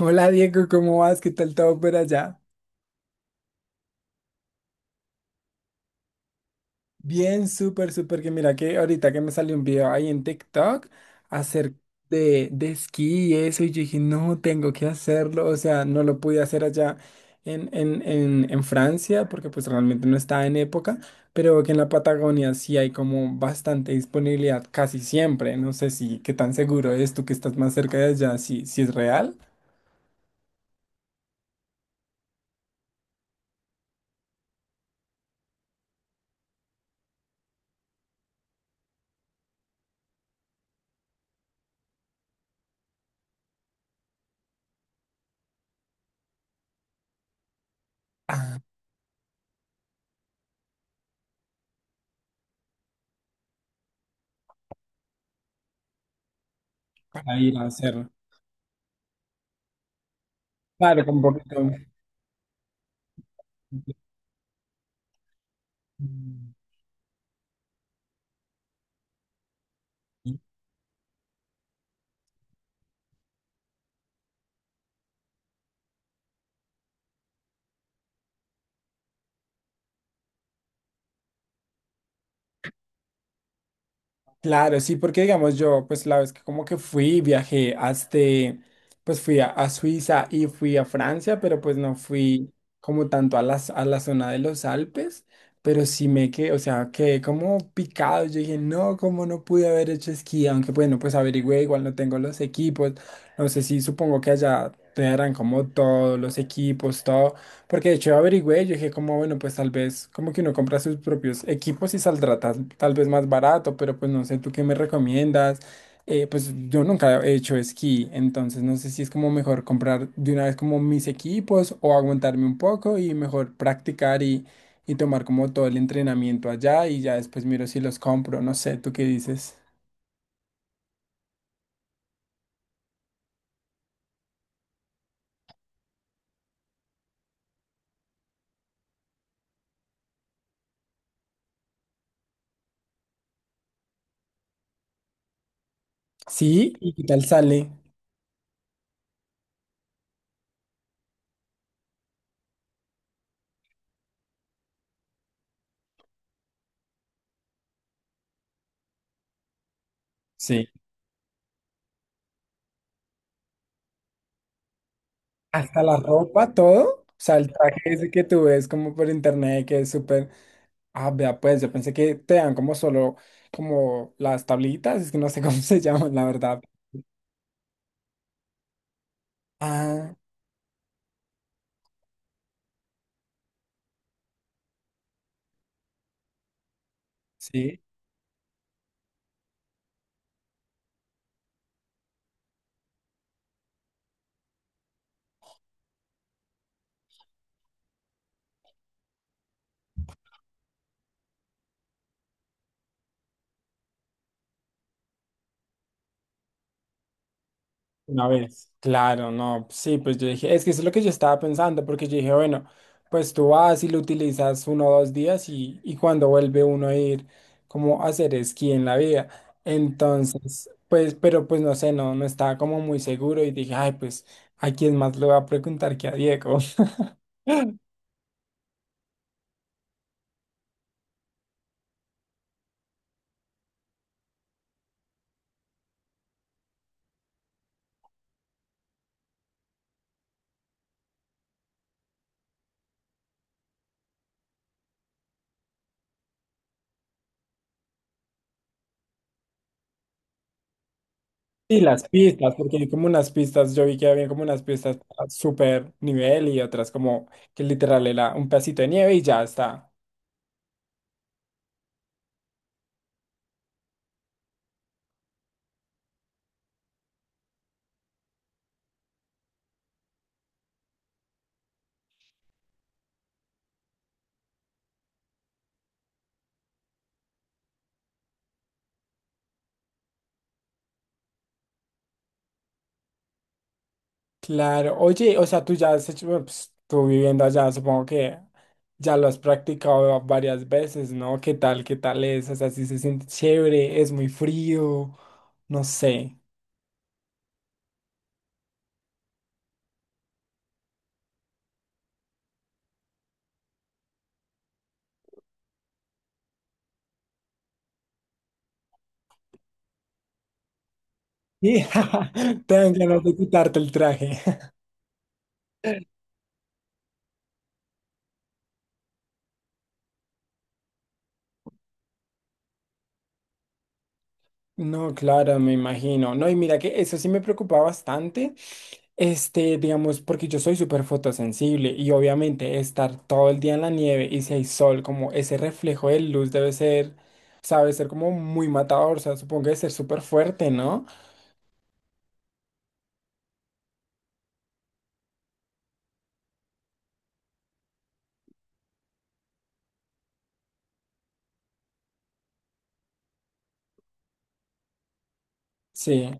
Hola Diego, ¿cómo vas? ¿Qué tal todo por allá? Bien, súper, súper. Que mira que ahorita que me salió un video ahí en TikTok acerca de esquí y eso, y yo dije, no, tengo que hacerlo. O sea, no lo pude hacer allá en Francia porque pues realmente no estaba en época, pero que en la Patagonia sí hay como bastante disponibilidad casi siempre. No sé si qué tan seguro es, tú que estás más cerca de allá, si es real para ir a hacerlo. Claro, con poquito. Claro, sí, porque digamos yo, pues la vez que como que fui, viajé hasta, pues fui a Suiza y fui a Francia, pero pues no fui como tanto a la zona de los Alpes, pero sí me quedé, o sea, quedé como picado, yo dije, no, cómo no pude haber hecho esquí, aunque bueno, pues averigüé, igual no tengo los equipos, no sé si, supongo que allá te darán como todos los equipos, todo, porque de hecho averigüé, yo dije como, bueno, pues tal vez como que uno compra sus propios equipos y saldrá tal vez más barato, pero pues no sé, ¿tú qué me recomiendas? Pues yo nunca he hecho esquí, entonces no sé si es como mejor comprar de una vez como mis equipos o aguantarme un poco y mejor practicar y tomar como todo el entrenamiento allá y ya después miro si los compro, no sé, ¿tú qué dices? Sí, ¿y qué tal sale? Sí. Hasta la ropa, todo. O sea, el traje ese que tú ves como por internet que es súper. Ah, vea, pues yo pensé que te dan como solo como las tablitas, es que no sé cómo se llaman, la verdad. Ah, sí, una vez. Claro, no, sí, pues yo dije, es que eso es lo que yo estaba pensando, porque yo dije, bueno, pues tú vas y lo utilizas uno o dos días y cuando vuelve uno a ir como a hacer esquí en la vida. Entonces, pues, pero pues no sé, no, no estaba como muy seguro y dije, ay, pues, ¿a quién más le voy a preguntar que a Diego? Y las pistas, porque hay como unas pistas, yo vi que había como unas pistas a super nivel y otras como que literal era un pedacito de nieve y ya está. Claro, oye, o sea, tú ya has hecho, bueno, pues, tú viviendo allá, supongo que ya lo has practicado varias veces, ¿no? Qué tal es? O sea, si se siente chévere, es muy frío, no sé. Y te dan ganas de quitarte el traje. No, claro, me imagino. No, y mira que eso sí me preocupa bastante. Este, digamos, porque yo soy súper fotosensible y obviamente estar todo el día en la nieve y si hay sol, como ese reflejo de luz debe ser, sabe, ser como muy matador, o sea, supongo que debe ser súper fuerte, ¿no? Sí,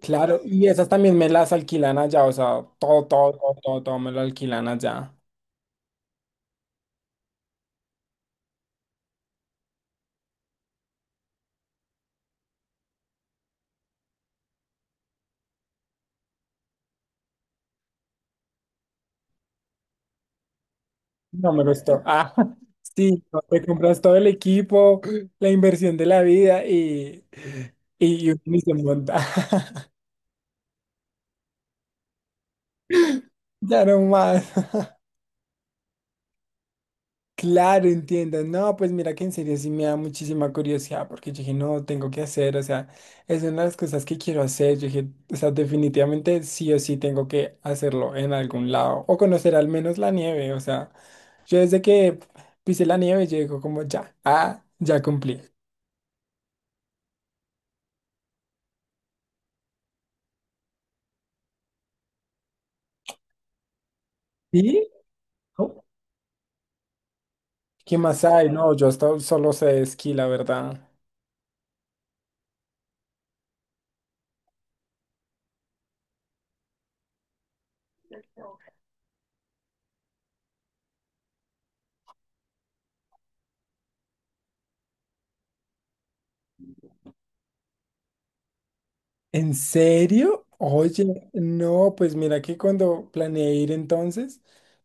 claro. Y esas también me las alquilan allá, o sea, todo, todo, todo, todo, todo me lo alquilan allá. No me lo estoy. Ah, sí, no, te compras todo el equipo, la inversión de la vida y, y uno ni se monta. Ya no más. Claro, entiendo. No, pues mira que en serio sí me da muchísima curiosidad porque yo dije, no, tengo que hacer, o sea, es una de las cosas que quiero hacer. Yo dije, o sea, definitivamente sí o sí tengo que hacerlo en algún lado o conocer al menos la nieve. O sea, yo desde que pisé la nieve, yo digo como ya, ah, ya cumplí. ¿Sí? ¿Qué más hay? No, yo hasta hoy solo sé de esquí, la verdad. ¿En serio? Oye, no, pues mira que cuando planeé ir entonces,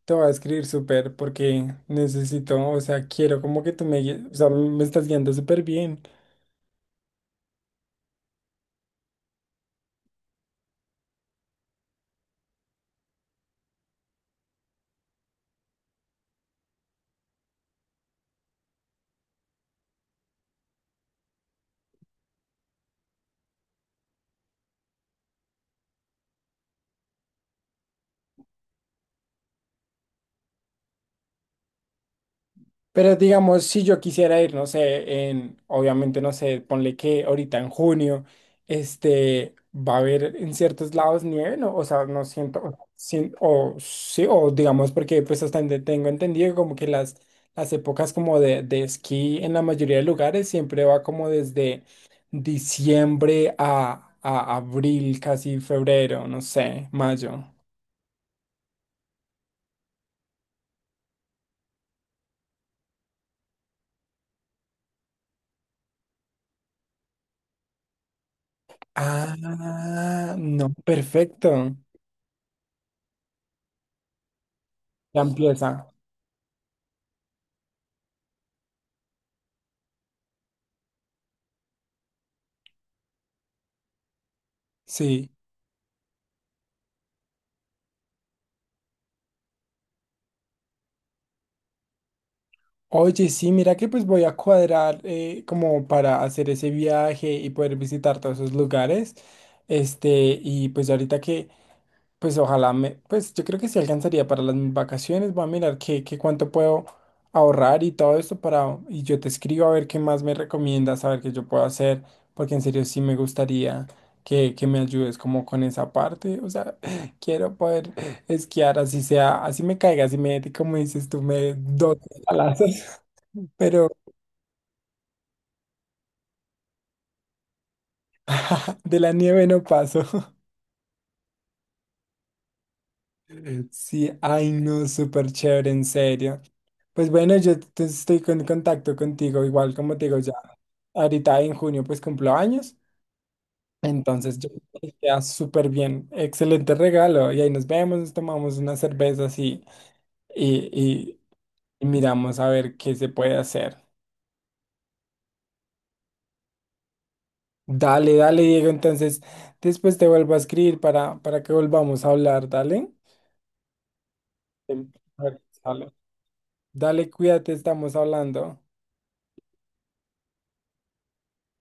te voy a escribir súper porque necesito, o sea, quiero como que tú me guíes, o sea, me estás guiando súper bien. Pero digamos, si yo quisiera ir, no sé, en, obviamente, no sé, ponle que ahorita en junio, este, va a haber en ciertos lados nieve, ¿no? O sea, no siento, o sí, o digamos, porque pues hasta donde tengo entendido, como que las épocas como de esquí en la mayoría de lugares siempre va como desde diciembre a abril, casi febrero, no sé, mayo. Ah, no, perfecto. Ya empieza, sí. Oye, sí, mira que pues voy a cuadrar como para hacer ese viaje y poder visitar todos esos lugares. Este, y pues ahorita que, pues ojalá me, pues yo creo que sí alcanzaría para las vacaciones. Voy a mirar qué, qué cuánto puedo ahorrar y todo esto para, y yo te escribo a ver qué más me recomiendas, a ver qué yo puedo hacer, porque en serio sí me gustaría que me ayudes como con esa parte. O sea, quiero poder esquiar así sea, así me caiga, así me, como dices tú, me doy palazos, pero de la nieve no paso. Sí, ay no, súper chévere, en serio. Pues bueno, en contacto contigo, igual como te digo, ya ahorita en junio pues cumplo años, entonces yo creo que queda súper bien, excelente regalo, y ahí nos vemos, nos tomamos unas cervezas y, y- y miramos a ver qué se puede hacer. Dale, dale, Diego, entonces después te vuelvo a escribir para que volvamos a hablar, dale. Em, A ver, sale. Dale, cuídate, estamos hablando.